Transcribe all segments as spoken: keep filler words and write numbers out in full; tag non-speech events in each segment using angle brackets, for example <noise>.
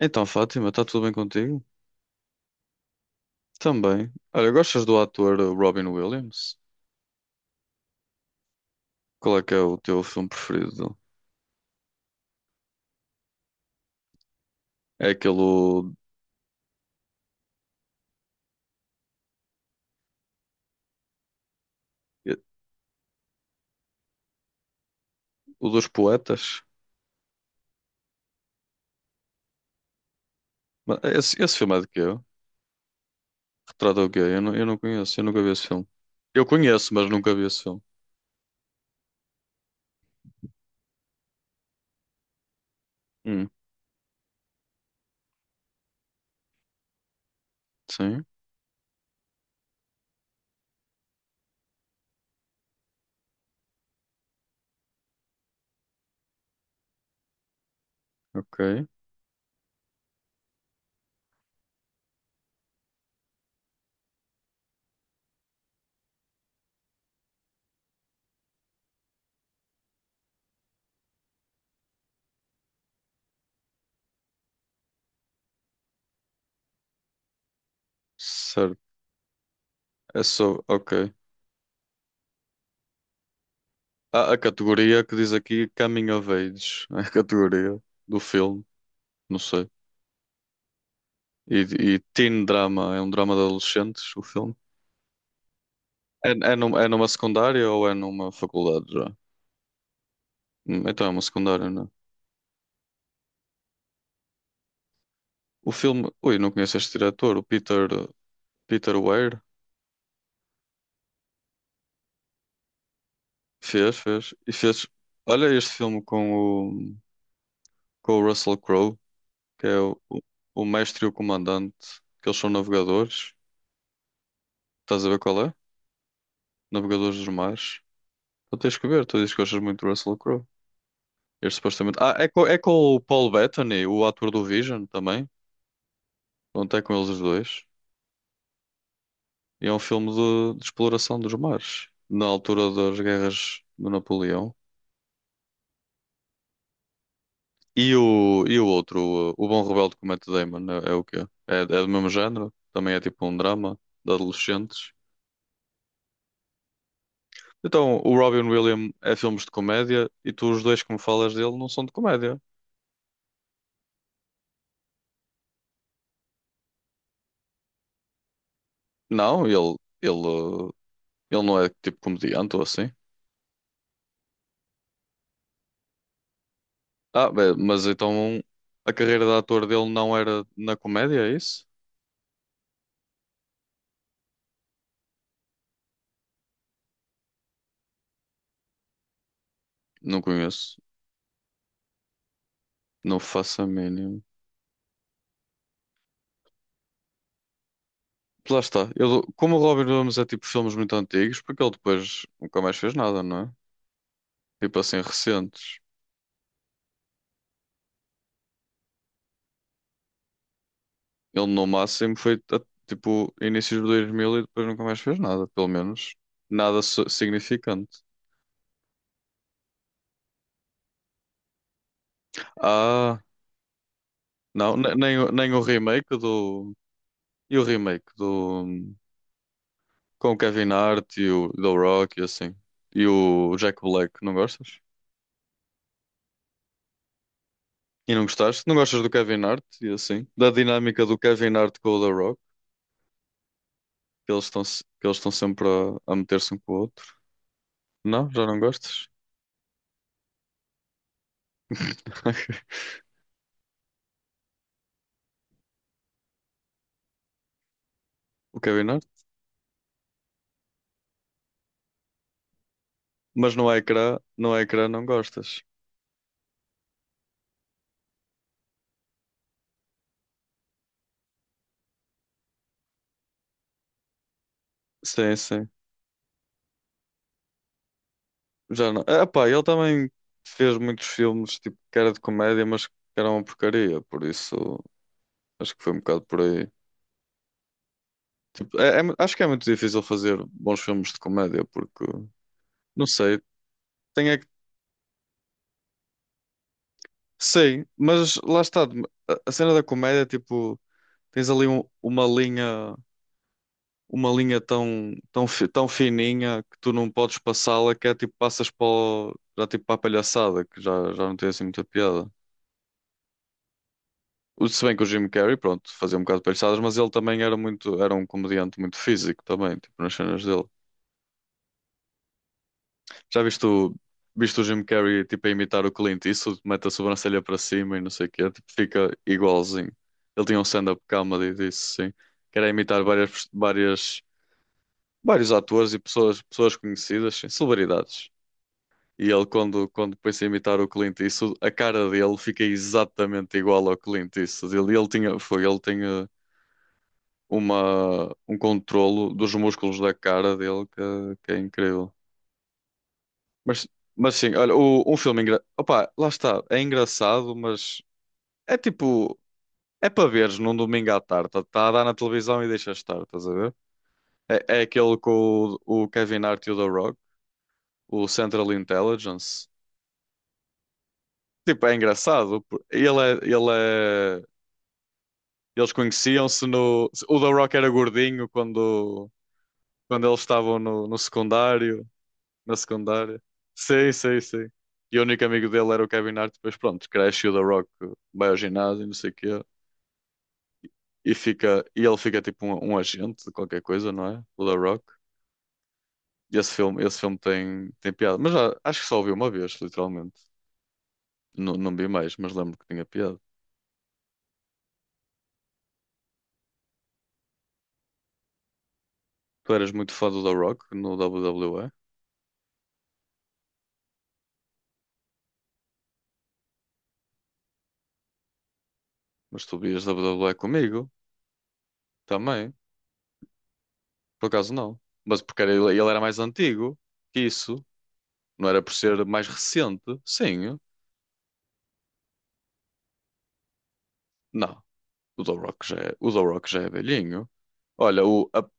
Então, Fátima, está tudo bem contigo? Também. Olha, gostas do ator uh, Robin Williams? Qual é que é o teu filme preferido dele? É aquele o, o dos poetas? Mas Esse, esse filme é de quê? Retrata o quê? Eu não, eu não conheço, eu nunca vi esse filme. Eu conheço, mas nunca vi esse filme. Hum, sim, ok. Certo. É só, ok. Há a categoria que diz aqui Coming of Age, é a categoria do filme, não sei. E, e teen drama, é um drama de adolescentes, o filme. É, é, num- é numa secundária ou é numa faculdade já? Hum, Então é uma secundária, não é? O filme. Ui, não conheço este diretor, o Peter, Peter Weir. Fez, fez. E fez. Olha este filme com o, com o Russell Crowe, que é o, o, o mestre e o comandante, que eles são navegadores. Estás a ver qual é? Navegadores dos mares. Tu tens que ver, tu dizes que gostas muito do Russell Crowe. Este supostamente. Ah, é com, é com o Paul Bettany, o ator do Vision também. Pronto, é com eles os dois. E é um filme de, de exploração dos mares, na altura das guerras do Napoleão. E o, e o outro, o, o Bom Rebelde com o Matt Damon, é, é o quê? É, é do mesmo género? Também é tipo um drama de adolescentes. Então, o Robin Williams é filmes de comédia e tu os dois que me falas dele não são de comédia. Não, ele, ele, uh, ele não é tipo comediante ou assim. Ah, bem, mas então a carreira de ator dele não era na comédia, é isso? Não conheço. Não faço a mínima. Lá está. Eu, como o Robin Williams é tipo filmes muito antigos, porque ele depois nunca mais fez nada, não é? Tipo assim, recentes. Ele no máximo foi a- tipo inícios de dois mil e depois nunca mais fez nada, pelo menos. Nada so- significante. Ah, não, ne- nem, o- nem o remake do. E o remake do. Com o Kevin Hart e o The Rock e assim. E o Jack Black, não gostas? E não gostaste? Não gostas do Kevin Hart e assim? Da dinâmica do Kevin Hart com o The Rock? Que eles estão se- que eles estão sempre a, a meter-se um com o outro. Não, já não gostas? <laughs> O Kevin Hart? Mas no ecrã, no ecrã, não gostas. Sim, sim. Já não. Ah, pá, ele também fez muitos filmes tipo que era de comédia, mas que era uma porcaria, por isso acho que foi um bocado por aí. Tipo, é- é mu- acho que é muito difícil fazer bons filmes de comédia, porque não sei, tem é que. Sei, mas lá está, a a cena da comédia, tipo, tens ali um- uma linha. uma linha tão, tão, fi- tão fininha que tu não podes passá-la, que é tipo, passas para o- já tipo para a palhaçada, que já, já não tem assim muita piada. O- Se bem que o Jim Carrey, pronto, fazia um bocado de palhaçadas, mas ele também era muito, era um comediante muito físico também, tipo, nas cenas dele. Já viste o, viste o Jim Carrey, tipo, a imitar o Clint Eastwood, mete a sobrancelha para cima e não sei o quê, tipo, fica igualzinho. Ele tinha um stand-up comedy disso, sim, que era imitar várias, várias, vários atores e pessoas, pessoas conhecidas, sim, celebridades. E ele, quando, quando pôs a imitar o Clint Eastwood, a cara dele fica exatamente igual ao Clint Eastwood. Ele, ele tinha, foi, ele tinha uma, um controlo dos músculos da cara dele que, que é incrível. Mas, mas sim, olha, o, um filme engra... Opa, lá está, é engraçado, mas é tipo, é para veres num domingo à tarde. Está a dar na televisão e deixa estar, estás a ver? É, é aquele com o, o Kevin Hart e o The Rock, o Central Intelligence. Tipo, é engraçado. por- Ele é, ele é Eles conheciam-se no. O The Rock era gordinho quando, quando eles estavam no, no secundário, na secundária. Sim, sim, sim. E o único amigo dele era o Kevin Hart. Depois, pronto, cresce e o The Rock vai ao ginásio, e não sei o quê. E, fica, e ele fica tipo um, um agente de qualquer coisa, não é? O The Rock. E esse filme, esse filme tem, tem piada. Mas já, acho que só o vi uma vez, literalmente. Não, não vi mais, mas lembro que tinha piada. Tu eras muito fã do The Rock no W W E, mas tu vias W W E comigo também. Por acaso não. Mas porque era- ele era mais antigo que isso. Não era por ser mais recente. Sim. Não. O The Rock já é, o The Rock já é velhinho. Olha, o, a-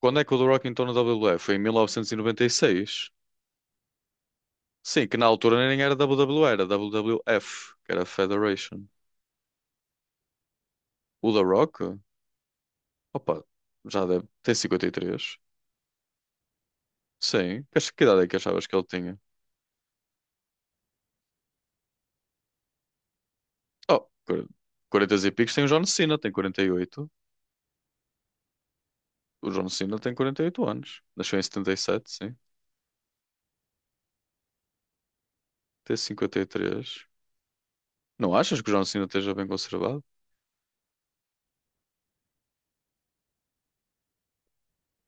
quando é que o The Rock entrou na W W F? Foi em mil novecentos e noventa e seis. Sim, que na altura nem era W W E, era W W F, que era Federation. O The Rock? Opa, já deve ter cinquenta e três. Sim. Que que idade é que achavas que ele tinha? Oh, quar- quarenta e picos tem o John Cena, tem quarenta e oito. O John Cena tem quarenta e oito anos. Nasceu em setenta e sete, sim. Tem cinquenta e três. Não achas que o John Cena esteja bem conservado?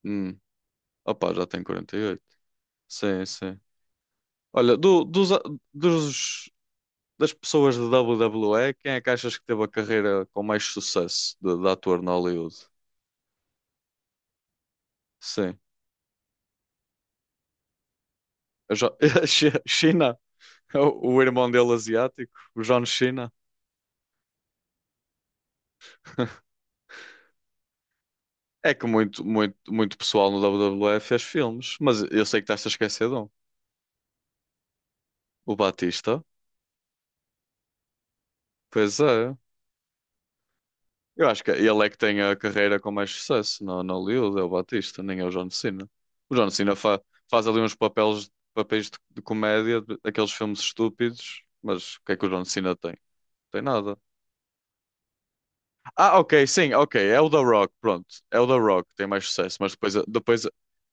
Hum. Opa, já tem quarenta e oito. Sim, sim. Olha, do- dos, dos- das pessoas de W W E, quem é que achas que teve a carreira com mais sucesso de, de ator na Hollywood? Sim. Eu já- <laughs> Chi- China. O, o irmão dele asiático, o John Cena. <laughs> É que muito, muito, muito pessoal no W W E fez filmes, mas eu sei que estás a esquecer de um. O Batista. Pois é. Eu acho que ele é que tem a carreira com mais sucesso no, no Hollywood, é o Batista, nem é o John Cena. O John Cena fa- faz ali uns papéis, papéis de, de comédia, de- aqueles filmes estúpidos, mas o que é que o John Cena tem? Tem nada. Ah, ok, sim, ok, é o The Rock, pronto. É o The Rock, tem mais sucesso, mas depois, depois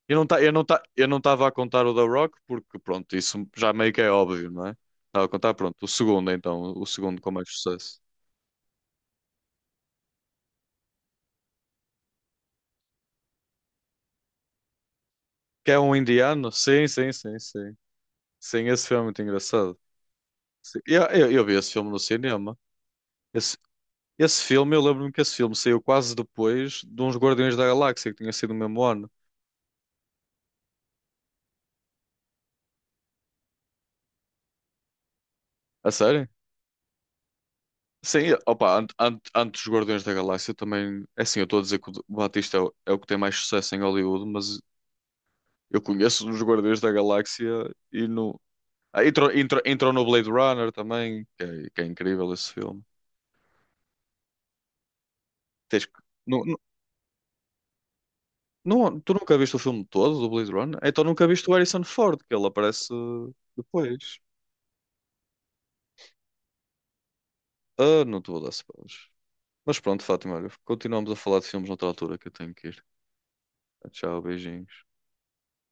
eu não tá, eu não tá, eu não estava a contar o The Rock porque, pronto, isso já meio que é óbvio, não é? Estava a contar, pronto, o segundo então, o segundo com mais sucesso. Que é um indiano? Sim, sim, sim, sim. Sim, esse filme é muito engraçado. Sim, Eu, eu, eu vi esse filme no cinema. Esse, esse filme, eu lembro-me que esse filme saiu quase depois de uns Guardiões da Galáxia, que tinha sido no mesmo ano. A sério? Sim, eu- opa, an- an- antes dos Guardiões da Galáxia também. É assim, eu estou a dizer que o Batista é o, é o que tem mais sucesso em Hollywood, mas eu conheço os Guardiões da Galáxia e no. Ah, entrou, entrou, entrou no Blade Runner também, que é, que é incrível esse filme. Tens que. Não, tu nunca viste o filme todo do Blade Runner? Então nunca viste o Harrison Ford, que ele aparece depois. Ah, não te vou dar spoilers. Mas pronto, Fátima, olha, continuamos a falar de filmes noutra altura que eu tenho que ir. Tchau, beijinhos.